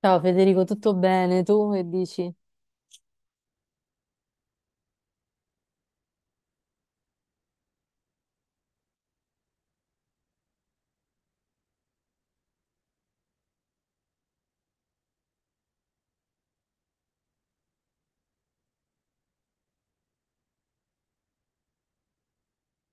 Ciao Federico, tutto bene? Tu che dici?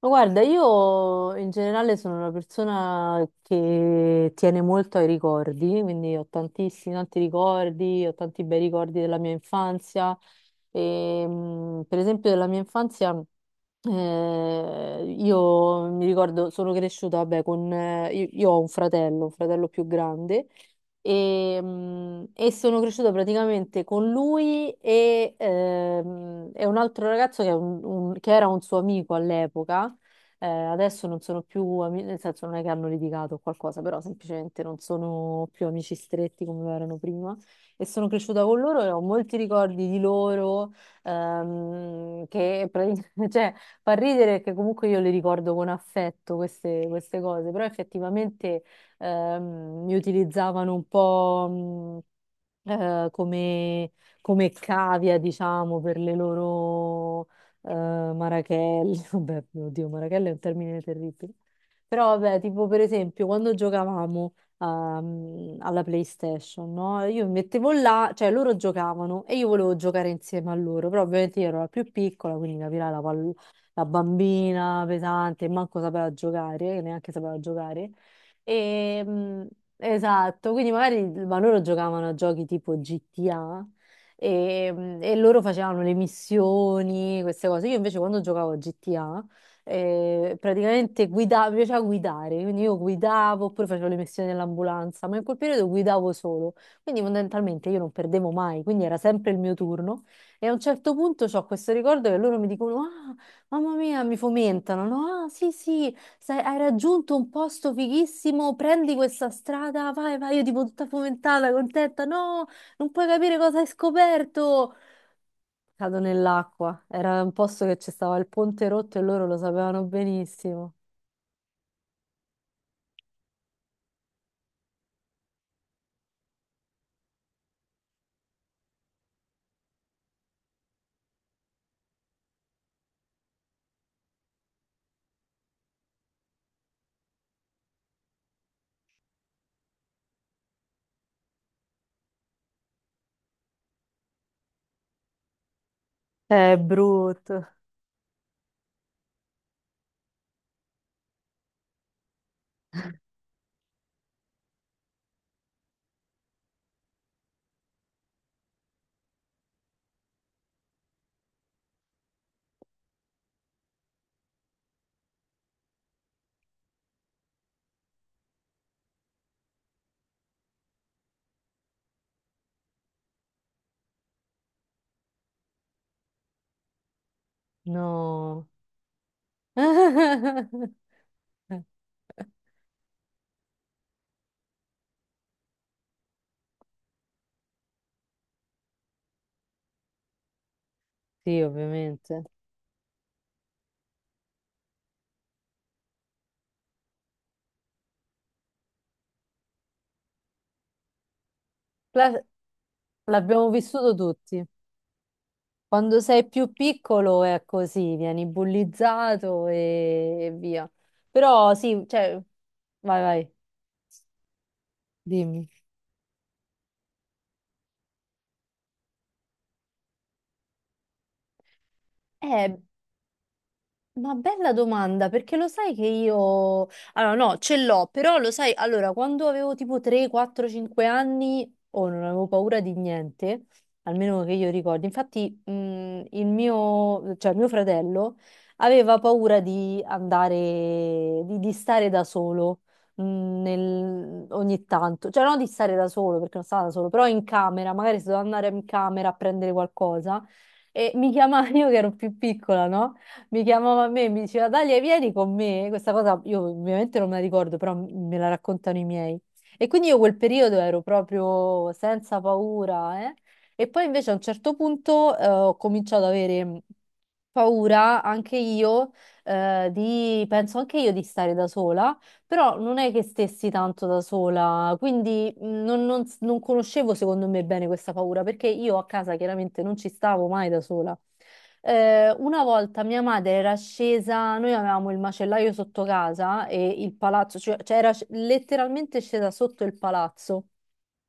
Ma guarda, io in generale sono una persona che tiene molto ai ricordi, quindi ho tantissimi, tanti ricordi, ho tanti bei ricordi della mia infanzia. E, per esempio, della mia infanzia, io mi ricordo, sono cresciuta, vabbè, io ho un fratello più grande, e sono cresciuta praticamente con lui e, e un altro ragazzo che era un suo amico all'epoca. Adesso non sono più amici, nel senso non è che hanno litigato o qualcosa, però semplicemente non sono più amici stretti come erano prima e sono cresciuta con loro e ho molti ricordi di loro, che praticamente, cioè, fa ridere che comunque io le ricordo con affetto queste cose, però effettivamente mi utilizzavano un po', come, come cavia, diciamo, per le loro Marachelli. Vabbè, oddio, Marachelli è un termine terribile. Però vabbè, tipo per esempio quando giocavamo, alla PlayStation, no? Io mi mettevo là, cioè loro giocavano e io volevo giocare insieme a loro, però ovviamente io ero la più piccola, quindi capirai la, la bambina pesante, manco sapeva giocare, che neanche sapeva giocare. E, esatto, quindi magari ma loro giocavano a giochi tipo GTA e loro facevano le missioni, queste cose. Io invece quando giocavo a GTA, praticamente guidavo, mi piaceva guidare, quindi io guidavo oppure facevo le missioni dell'ambulanza, ma in quel periodo guidavo solo, quindi fondamentalmente io non perdevo mai, quindi era sempre il mio turno. E a un certo punto ho questo ricordo che loro mi dicono: "Ah, mamma mia", mi fomentano, no? "Ah, sì, sì, sai, hai raggiunto un posto fighissimo, prendi questa strada, vai, vai", io tipo tutta fomentata, contenta, no? "Non puoi capire cosa hai scoperto." Cado nell'acqua. Era un posto che ci stava il ponte rotto e loro lo sapevano benissimo. È brutto. No. Sì, ovviamente. La- L'abbiamo vissuto tutti. Quando sei più piccolo è così, vieni bullizzato e, via. Però sì, cioè, vai, vai, dimmi. Eh, Ma bella domanda, perché lo sai che io... Allora, no, ce l'ho, però lo sai, allora, quando avevo tipo 3, 4, 5 anni, oh, non avevo paura di niente, almeno che io ricordi. Infatti, cioè mio fratello aveva paura di andare, di stare da solo, ogni tanto. Cioè, non di stare da solo, perché non stava da solo, però in camera, magari se doveva andare in camera a prendere qualcosa, e mi chiamava, io che ero più piccola, no? Mi chiamava a me e mi diceva: "Dalia, vieni con me." Questa cosa io ovviamente non me la ricordo, però me la raccontano i miei. E quindi io quel periodo ero proprio senza paura, eh. E poi invece a un certo punto, ho cominciato ad avere, paura anche io, penso anche io di stare da sola, però non è che stessi tanto da sola, quindi non conoscevo secondo me bene questa paura, perché io a casa chiaramente non ci stavo mai da sola. Una volta mia madre era scesa, noi avevamo il macellaio sotto casa e il palazzo, cioè letteralmente scesa sotto il palazzo.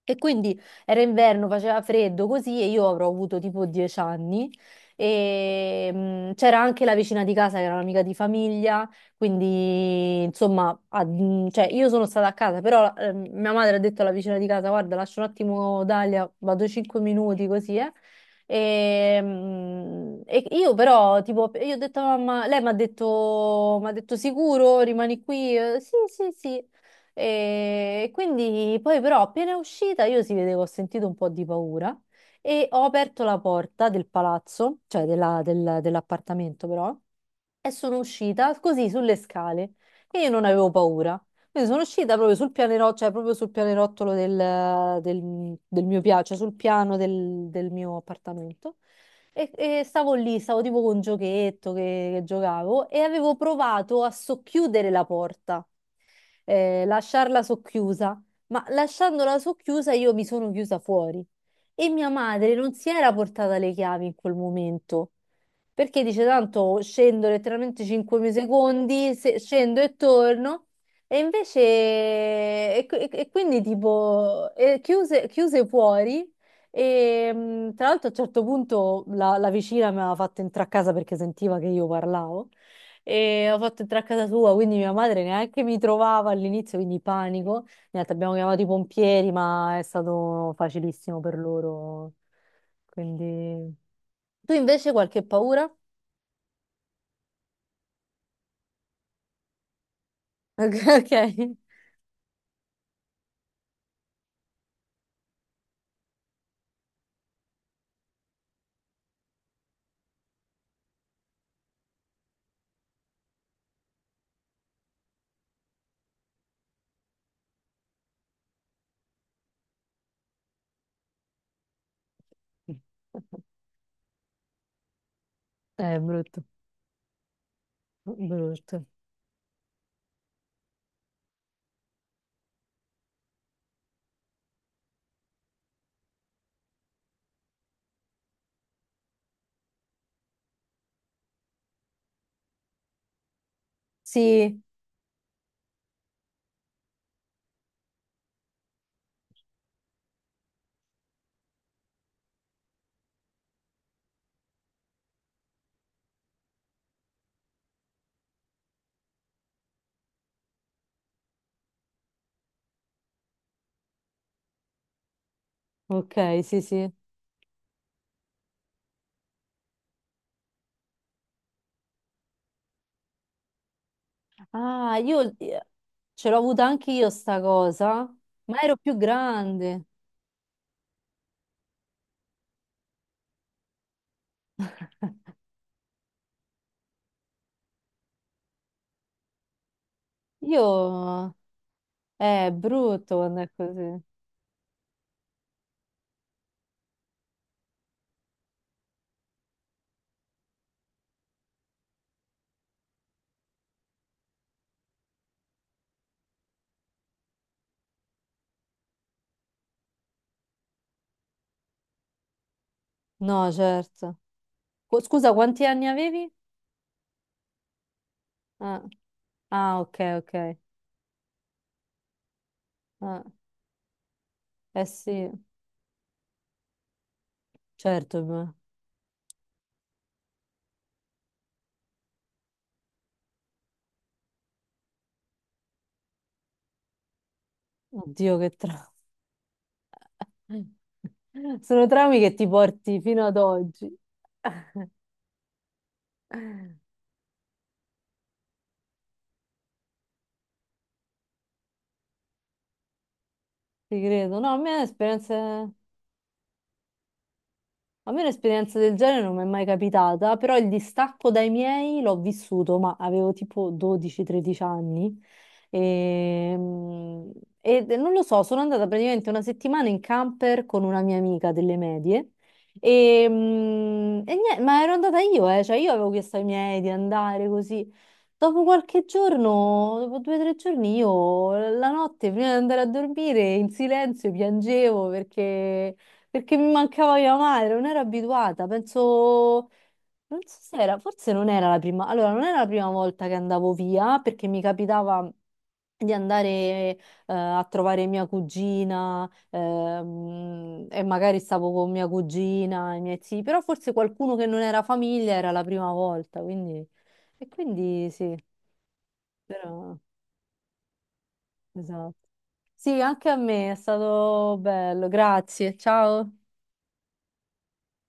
E quindi era inverno, faceva freddo così e io avrò avuto tipo 10 anni e c'era anche la vicina di casa che era un'amica di famiglia, quindi, insomma, cioè, io sono stata a casa, però mia madre ha detto alla vicina di casa: "Guarda, lascio un attimo Dalia, vado 5 minuti così, eh." E io però, tipo, io ho detto a mamma, lei mi ha detto: "Sicuro, rimani qui?" "Sì, sì, sì." E quindi poi però appena uscita io si vedevo, ho sentito un po' di paura e ho aperto la porta del palazzo, cioè dell'appartamento, però, e sono uscita così sulle scale e io non avevo paura. Quindi sono uscita proprio sul pianerottolo, cioè proprio sul pianerottolo del mio piano, cioè sul piano del mio appartamento. E stavo lì, stavo tipo con un giochetto che giocavo e avevo provato a socchiudere la porta, lasciarla socchiusa, ma lasciandola socchiusa io mi sono chiusa fuori e mia madre non si era portata le chiavi in quel momento. Perché dice tanto scendo letteralmente 5 secondi, scendo e torno. E invece, e quindi tipo, chiuse fuori. E tra l'altro a un certo punto la vicina mi aveva fatto entrare a casa perché sentiva che io parlavo, e ho fatto entrare a casa sua, quindi mia madre neanche mi trovava all'inizio, quindi panico. Niente, abbiamo chiamato i pompieri, ma è stato facilissimo per loro. Quindi... Tu invece qualche paura? Ok. Ok. Brutto, brutto. Sì, ok, sì, sì. Ah, io, ce l'ho avuta anche io sta cosa, ma ero più grande. Io... È brutto quando è così. No, certo. Scusa, quanti anni avevi? Ah, ah, ok, ok. Ah, eh sì, certo. Oddio, che traumi. Sono traumi che ti porti fino ad oggi. Ti credo. No, a me esperienze. A me un'esperienza del genere non mi è mai capitata, però il distacco dai miei l'ho vissuto, ma avevo tipo 12-13 anni. E, mm, e non lo so, sono andata praticamente una settimana in camper con una mia amica delle medie. E niente, ma ero andata io, cioè io avevo chiesto ai miei di andare così. Dopo qualche giorno, dopo 2 o 3 giorni, io la notte prima di andare a dormire in silenzio piangevo perché... Perché mi mancava mia madre, non ero abituata, penso, non so se era, forse non era la prima, allora non era la prima volta che andavo via, perché mi capitava di andare, a trovare mia cugina, e magari stavo con mia cugina e i miei zii, però forse qualcuno che non era famiglia era la prima volta, quindi... E quindi sì, però, esatto. Sì, anche a me è stato bello, grazie, ciao.